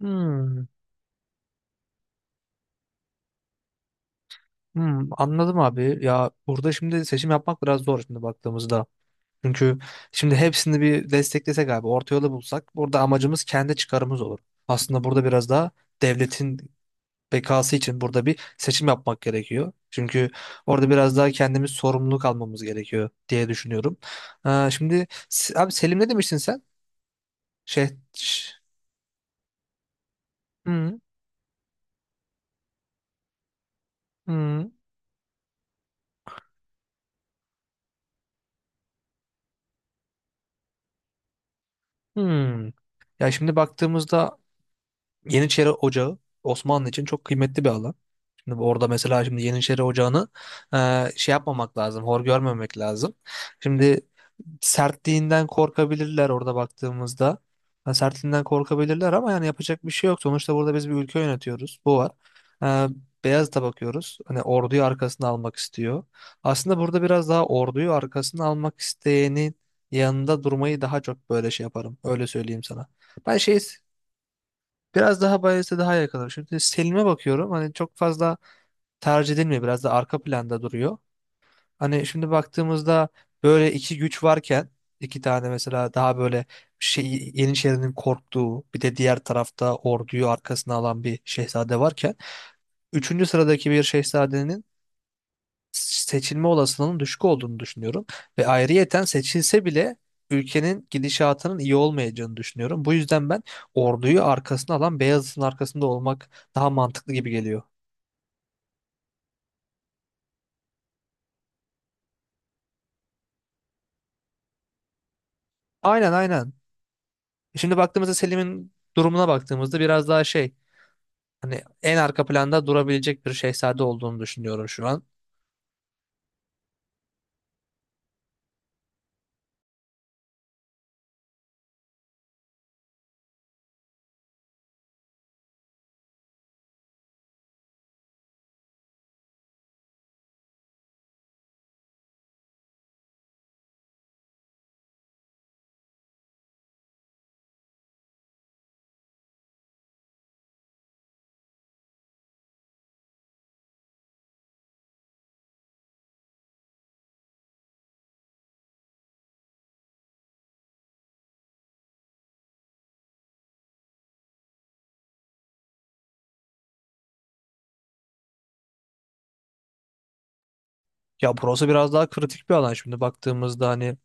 Hmm, hmm, anladım abi. Ya burada şimdi seçim yapmak biraz zor şimdi baktığımızda. Çünkü şimdi hepsini bir desteklesek abi, orta yolu bulsak burada amacımız kendi çıkarımız olur. Aslında burada biraz daha devletin bekası için burada bir seçim yapmak gerekiyor. Çünkü orada biraz daha kendimiz sorumluluk almamız gerekiyor diye düşünüyorum. Şimdi abi Selim ne demiştin sen? Şey, ş- hmm, hmm, hmm. Ya şimdi baktığımızda Yeniçeri Ocağı Osmanlı için çok kıymetli bir alan. Şimdi orada mesela şimdi Yeniçeri Ocağı'nı yapmamak lazım, hor görmemek lazım. Şimdi sertliğinden korkabilirler orada baktığımızda. Ha, sertliğinden korkabilirler ama yani yapacak bir şey yok. Sonuçta burada biz bir ülke yönetiyoruz. Bu var. E, Beyazıt'a bakıyoruz. Hani orduyu arkasına almak istiyor. Aslında burada biraz daha orduyu arkasına almak isteyenin yanında durmayı daha çok böyle şey yaparım. Öyle söyleyeyim sana. Ben şey Biraz daha Bias'e daha yakınım. Şimdi Selim'e bakıyorum. Hani çok fazla tercih edilmiyor. Biraz da arka planda duruyor. Hani şimdi baktığımızda böyle iki güç varken iki tane mesela daha böyle şey, Yeniçeri'nin korktuğu bir de diğer tarafta orduyu arkasına alan bir şehzade varken üçüncü sıradaki bir şehzadenin seçilme olasılığının düşük olduğunu düşünüyorum. Ve ayrıyeten seçilse bile ülkenin gidişatının iyi olmayacağını düşünüyorum. Bu yüzden ben orduyu arkasına alan Beyazıt'ın arkasında olmak daha mantıklı gibi geliyor. Aynen, aynen. Şimdi baktığımızda Selim'in durumuna baktığımızda biraz daha hani en arka planda durabilecek bir şehzade olduğunu düşünüyorum şu an. Ya burası biraz daha kritik bir alan şimdi baktığımızda hani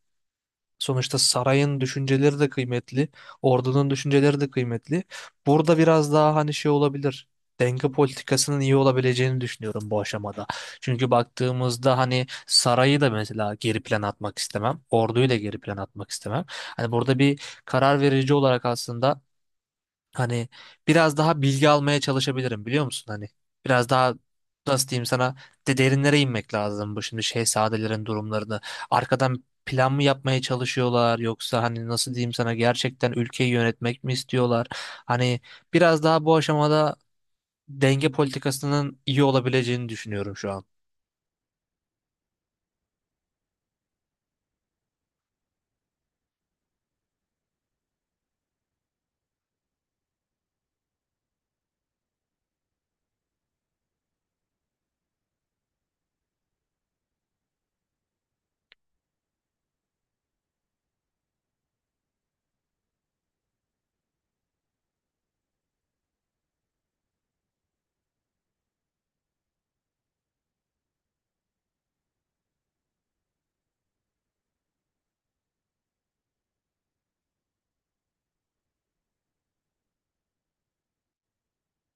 sonuçta sarayın düşünceleri de kıymetli, ordunun düşünceleri de kıymetli. Burada biraz daha hani şey olabilir. Denge politikasının iyi olabileceğini düşünüyorum bu aşamada. Çünkü baktığımızda hani sarayı da mesela geri plan atmak istemem. Orduyu da geri plan atmak istemem. Hani burada bir karar verici olarak aslında hani biraz daha bilgi almaya çalışabilirim, biliyor musun? Hani biraz daha nasıl diyeyim sana, de derinlere inmek lazım bu şimdi şehzadelerin durumlarını. Arkadan plan mı yapmaya çalışıyorlar yoksa hani nasıl diyeyim sana, gerçekten ülkeyi yönetmek mi istiyorlar? Hani biraz daha bu aşamada denge politikasının iyi olabileceğini düşünüyorum şu an.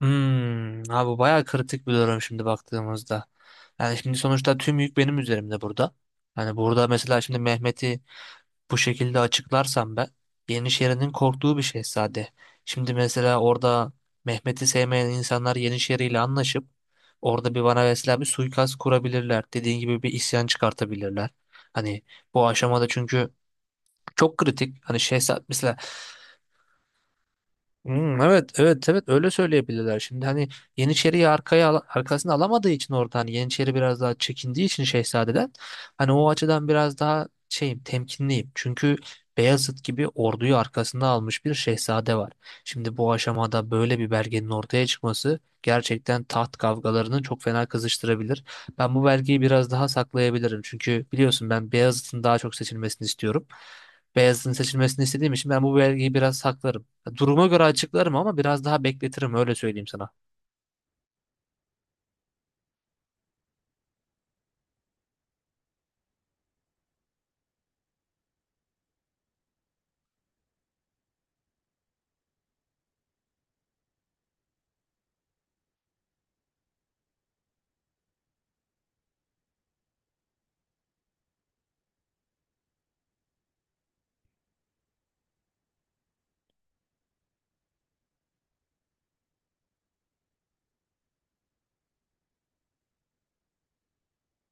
Hmm, ha, bu bayağı kritik bir durum şimdi baktığımızda. Yani şimdi sonuçta tüm yük benim üzerimde burada. Hani burada mesela şimdi Mehmet'i bu şekilde açıklarsam ben, Yenişehir'in korktuğu bir şehzade. Şimdi mesela orada Mehmet'i sevmeyen insanlar Yenişehir'iyle anlaşıp orada bir bana mesela bir suikast kurabilirler. Dediğin gibi bir isyan çıkartabilirler. Hani bu aşamada çünkü çok kritik. Hani şehzade mesela. Hmm, evet, evet, evet, öyle söyleyebilirler. Şimdi hani Yeniçeri'yi arkasına alamadığı için orada hani Yeniçeri biraz daha çekindiği için şehzadeden hani o açıdan biraz daha şeyim, temkinliyim. Çünkü Beyazıt gibi orduyu arkasına almış bir şehzade var. Şimdi bu aşamada böyle bir belgenin ortaya çıkması gerçekten taht kavgalarını çok fena kızıştırabilir. Ben bu belgeyi biraz daha saklayabilirim. Çünkü biliyorsun, ben Beyazıt'ın daha çok seçilmesini istiyorum. Beyazıt'ın seçilmesini istediğim için ben bu belgeyi biraz saklarım. Duruma göre açıklarım ama biraz daha bekletirim, öyle söyleyeyim sana.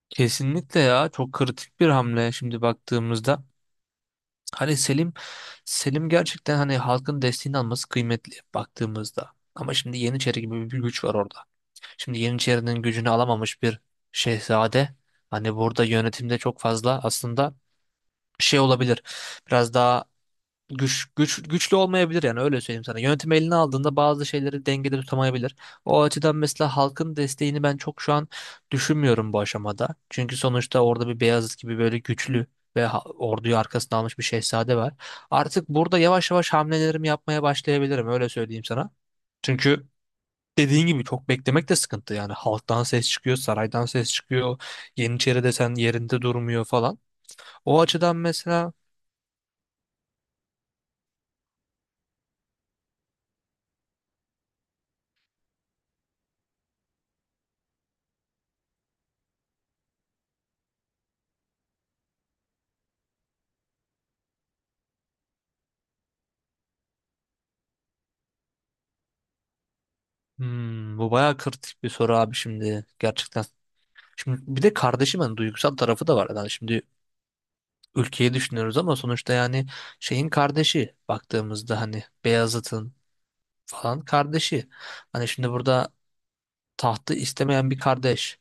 Kesinlikle, ya çok kritik bir hamle şimdi baktığımızda. Hani Selim gerçekten hani halkın desteğini alması kıymetli baktığımızda. Ama şimdi Yeniçeri gibi bir güç var orada. Şimdi Yeniçeri'nin gücünü alamamış bir şehzade. Hani burada yönetimde çok fazla aslında şey olabilir. Biraz daha güçlü olmayabilir yani, öyle söyleyeyim sana. Yönetim eline aldığında bazı şeyleri dengede tutamayabilir. O açıdan mesela halkın desteğini ben çok şu an düşünmüyorum bu aşamada. Çünkü sonuçta orada bir Beyazıt gibi böyle güçlü ve orduyu arkasına almış bir şehzade var. Artık burada yavaş yavaş hamlelerimi yapmaya başlayabilirim, öyle söyleyeyim sana. Çünkü dediğin gibi çok beklemek de sıkıntı yani. Halktan ses çıkıyor, saraydan ses çıkıyor, Yeniçeri desen yerinde durmuyor falan. O açıdan mesela. Hmm, bu bayağı kritik bir soru abi, şimdi gerçekten. Şimdi bir de kardeşi, ben duygusal tarafı da var. Yani şimdi ülkeyi düşünüyoruz ama sonuçta yani şeyin kardeşi baktığımızda hani Beyazıt'ın falan kardeşi. Hani şimdi burada tahtı istemeyen bir kardeş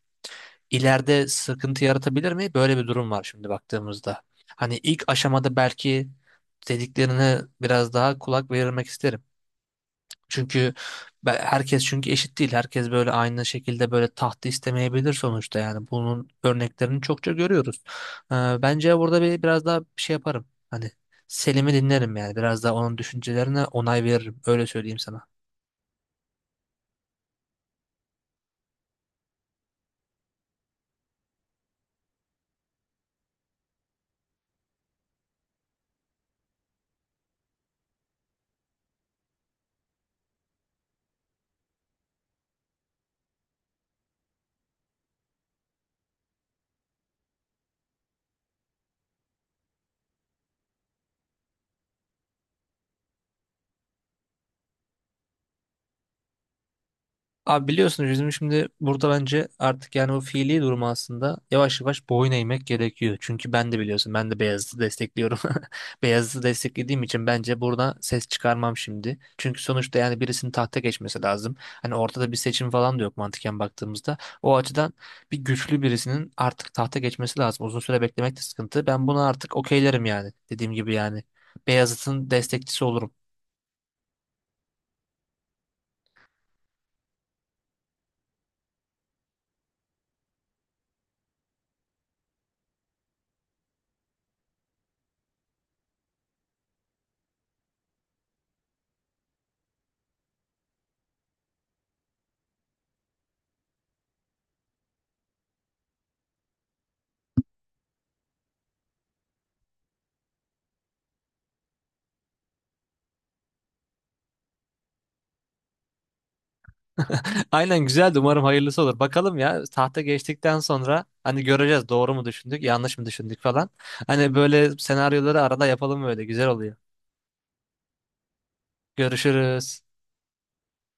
ileride sıkıntı yaratabilir mi? Böyle bir durum var şimdi baktığımızda. Hani ilk aşamada belki dediklerine biraz daha kulak verilmek isterim. Çünkü herkes çünkü eşit değil. Herkes böyle aynı şekilde böyle tahtı istemeyebilir sonuçta yani. Bunun örneklerini çokça görüyoruz. Ee, Bence burada bir biraz daha bir şey yaparım. Hani Selim'i dinlerim yani. Biraz daha onun düşüncelerine onay veririm. Öyle söyleyeyim sana. Abi biliyorsunuz, bizim şimdi burada bence artık yani o fiili durumu aslında yavaş yavaş boyun eğmek gerekiyor. Çünkü ben de biliyorsun, ben de Beyazıt'ı destekliyorum. Beyazıt'ı desteklediğim için bence burada ses çıkarmam şimdi. Çünkü sonuçta yani birisinin tahta geçmesi lazım. Hani ortada bir seçim falan da yok mantıken baktığımızda. O açıdan bir güçlü birisinin artık tahta geçmesi lazım. Uzun süre beklemek de sıkıntı. Ben buna artık okeylerim yani. Dediğim gibi yani Beyazıt'ın destekçisi olurum. Aynen, güzeldi. Umarım hayırlısı olur. Bakalım ya, tahta geçtikten sonra hani göreceğiz, doğru mu düşündük, yanlış mı düşündük falan. Hani böyle senaryoları arada yapalım, böyle güzel oluyor. Görüşürüz.